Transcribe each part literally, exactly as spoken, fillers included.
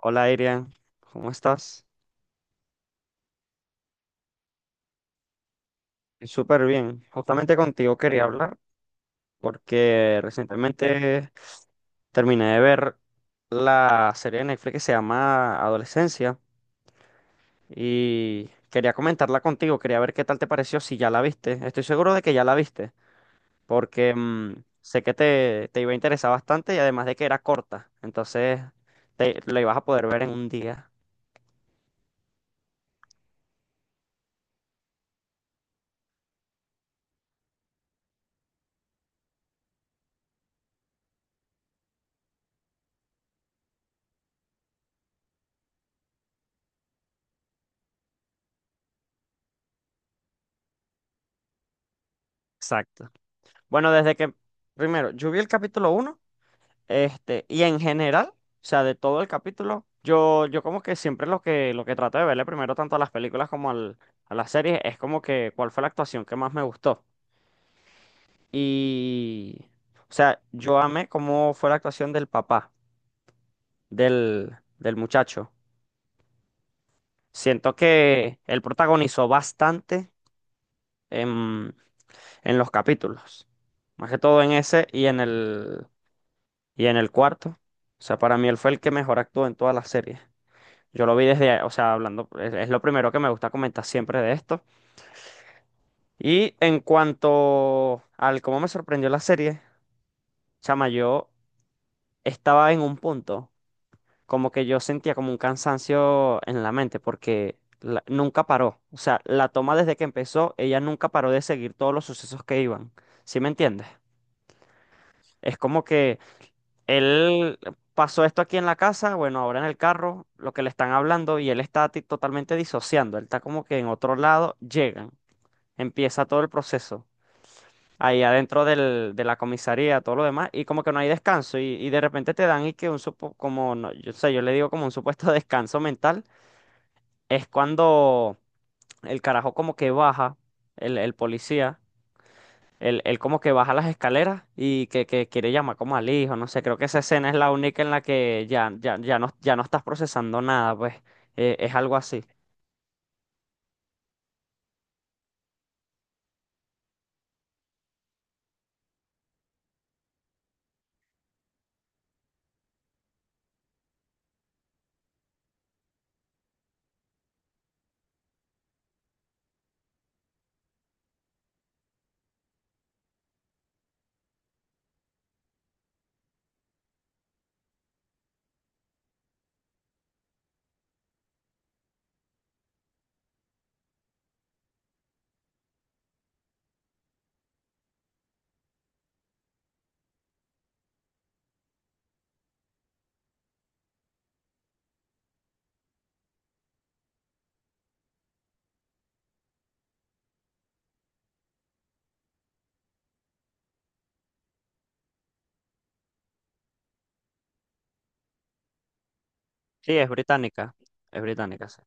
Hola, Iria, ¿cómo estás? Súper bien. Justamente contigo quería hablar porque recientemente terminé de ver la serie de Netflix que se llama Adolescencia y quería comentarla contigo, quería ver qué tal te pareció, si ya la viste. Estoy seguro de que ya la viste porque mm, sé que te, te iba a interesar bastante y además de que era corta, entonces te, la ibas a poder ver en un día. Exacto. Bueno, desde que, primero, yo vi el capítulo uno. Este, y en general, o sea, de todo el capítulo, yo, yo como que siempre lo que, lo que trato de verle primero tanto a las películas como al- a las series es como que cuál fue la actuación que más me gustó. Y, o sea, yo amé cómo fue la actuación del papá, del, del muchacho. Siento que él protagonizó bastante en, en los capítulos, más que todo en ese y en el, y en el cuarto. O sea, para mí él fue el que mejor actuó en toda la serie. Yo lo vi desde, o sea, hablando, es, es lo primero que me gusta comentar siempre de esto. Y en cuanto al cómo me sorprendió la serie, chama, yo estaba en un punto, como que yo sentía como un cansancio en la mente, porque la- nunca paró. O sea, la toma desde que empezó, ella nunca paró de seguir todos los sucesos que iban. ¿Sí me entiendes? Es como que él pasó esto aquí en la casa, bueno, ahora en el carro, lo que le están hablando, y él está ti- totalmente disociando, él está como que en otro lado, llegan. Empieza todo el proceso ahí adentro del, de la comisaría, todo lo demás, y como que no hay descanso, y, y de repente te dan y que un supo, como, no, yo, sé, yo le digo como un supuesto descanso mental, es cuando el carajo como que baja, el, el policía, él, él como que baja las escaleras y que, que quiere llamar como al hijo, no sé, creo que esa escena es la única en la que ya, ya, ya no, ya no estás procesando nada, pues eh, es algo así. Sí, es británica, es británica, sí.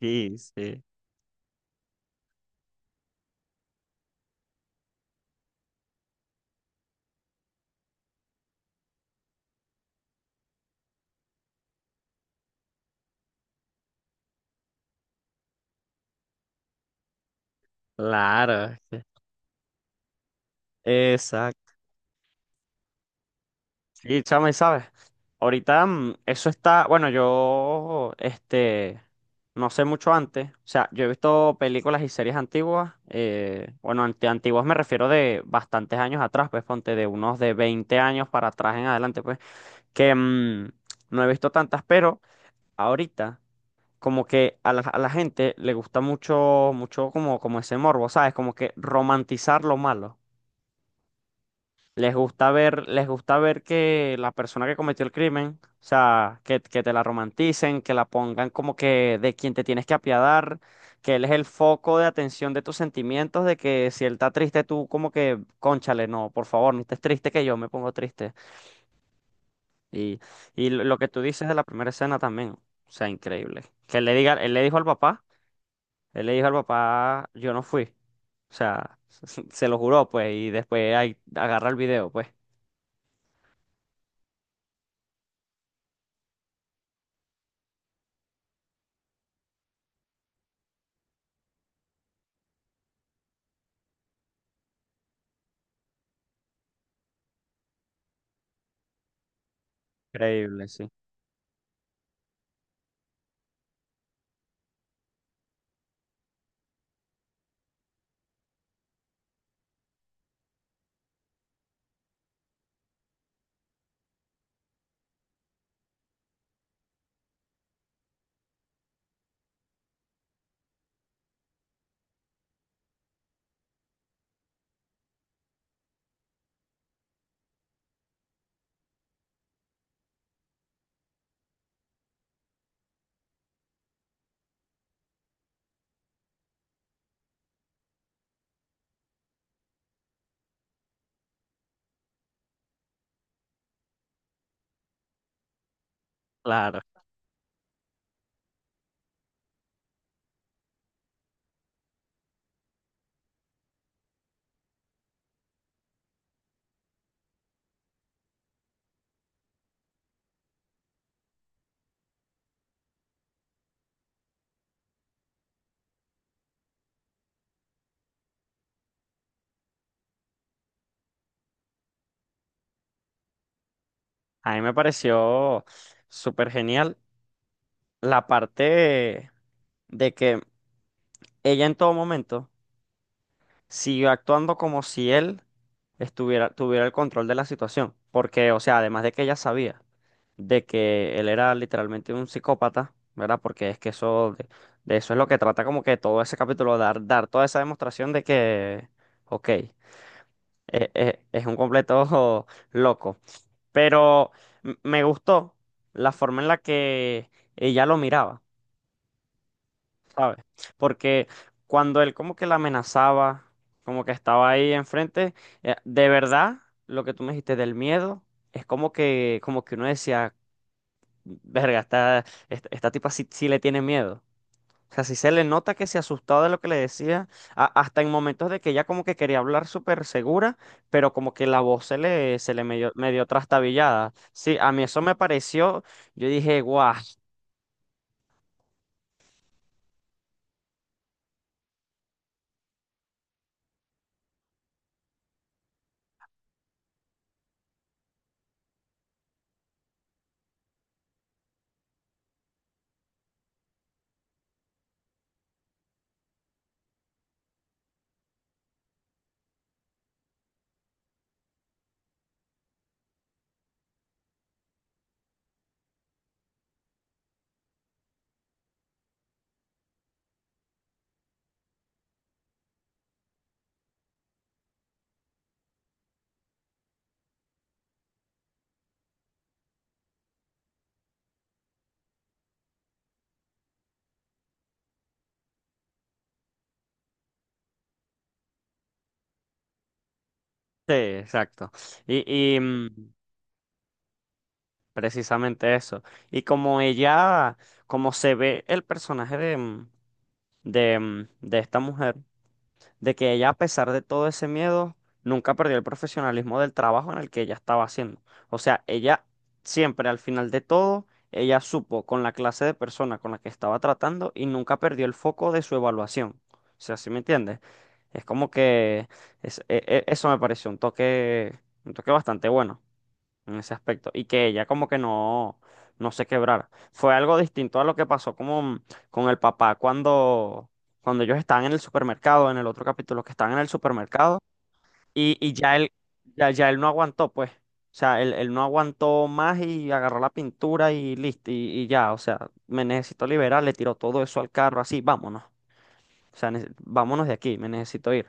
Sí, sí, claro. es que- Exacto. Sí, chama, y sabes, ahorita mm, eso está, bueno, yo, este, no sé mucho antes, o sea, yo he visto películas y series antiguas, eh, bueno, ante antiguas me refiero de bastantes años atrás, pues ponte de unos de veinte años para atrás en adelante, pues, que mm, no he visto tantas, pero ahorita como que a la, a la gente le gusta mucho, mucho como, como ese morbo, ¿sabes? Como que romantizar lo malo. Les gusta ver, les gusta ver que la persona que cometió el crimen, o sea, que, que te la romanticen, que la pongan como que de quien te tienes que apiadar, que él es el foco de atención de tus sentimientos, de que si él está triste, tú como que, cónchale, no, por favor, no estés triste que yo me pongo triste. Y, y lo lo que tú dices de la primera escena también, o sea, increíble. Que él le diga, él le dijo al papá, él le dijo al papá, yo no fui. O sea, se lo juró, pues, y después ahí agarra el video, pues. Increíble, sí. Claro. A mí me pareció súper genial la parte de que ella en todo momento siguió actuando como si él estuviera, tuviera el control de la situación. Porque, o sea, además de que ella sabía de que él era literalmente un psicópata, ¿verdad? Porque es que eso, de, de eso es lo que trata como que todo ese capítulo, dar, dar toda esa demostración de que, ok, eh, eh, es un completo loco. Pero m- me gustó la forma en la que ella lo miraba, ¿sabes? Porque cuando él como que la amenazaba, como que estaba ahí enfrente, eh, de verdad, lo que tú me dijiste del miedo, es como que, como que uno decía, verga, esta, esta, esta tipa sí, sí le tiene miedo. O sea, sí se le nota que se asustaba de lo que le decía, a- hasta en momentos de que ella como que quería hablar súper segura, pero como que la voz se le, se le medio, medio trastabillada. Sí, a mí eso me pareció, yo dije, guau, sí, exacto. Y, y mm, precisamente eso. Y como ella, como se ve el personaje de, mm, de, mm, de esta mujer. De que ella, a pesar de todo ese miedo, nunca perdió el profesionalismo del trabajo en el que ella estaba haciendo. O sea, ella siempre, al final de todo, ella supo con la clase de persona con la que estaba tratando y nunca perdió el foco de su evaluación. O sea, ¿sí me entiendes? Es como que es- e- e- eso me pareció un toque, un toque bastante bueno en ese aspecto y que ella como que no, no se quebrara. Fue algo distinto a lo que pasó como con el papá cuando, cuando ellos estaban en el supermercado, en el otro capítulo, que estaban en el supermercado y, y ya él, ya, ya él no aguantó, pues. O sea, él, él no aguantó más y agarró la pintura y listo, y, y ya, o sea, me necesito liberar, le tiró todo eso al carro, así, vámonos. O sea, nece- vámonos de aquí, me necesito ir.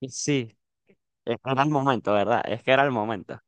Y sí, es que era el momento, ¿verdad? Es que era el momento.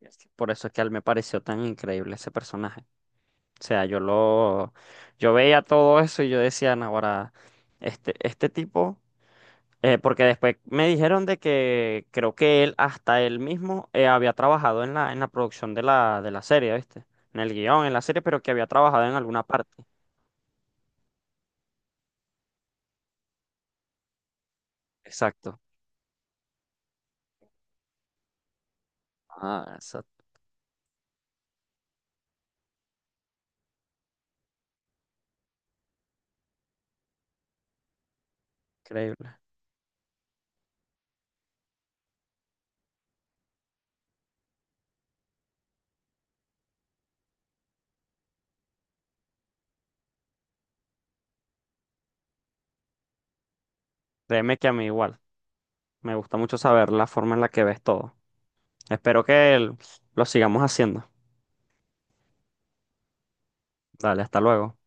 Este, por eso es que a él me pareció tan increíble ese personaje. O sea, yo lo, yo veía todo eso y yo decía, "No, ahora, este, este tipo, eh, porque después me dijeron de que creo que él, hasta él mismo, eh, había trabajado en la, en la producción de la, de la serie, ¿viste? En el guión, en la serie, pero que había trabajado en alguna parte. Exacto. Ah, eso increíble. Créeme que a mí igual. Me gusta mucho saber la forma en la que ves todo. Espero que el- lo sigamos haciendo. Dale, hasta luego.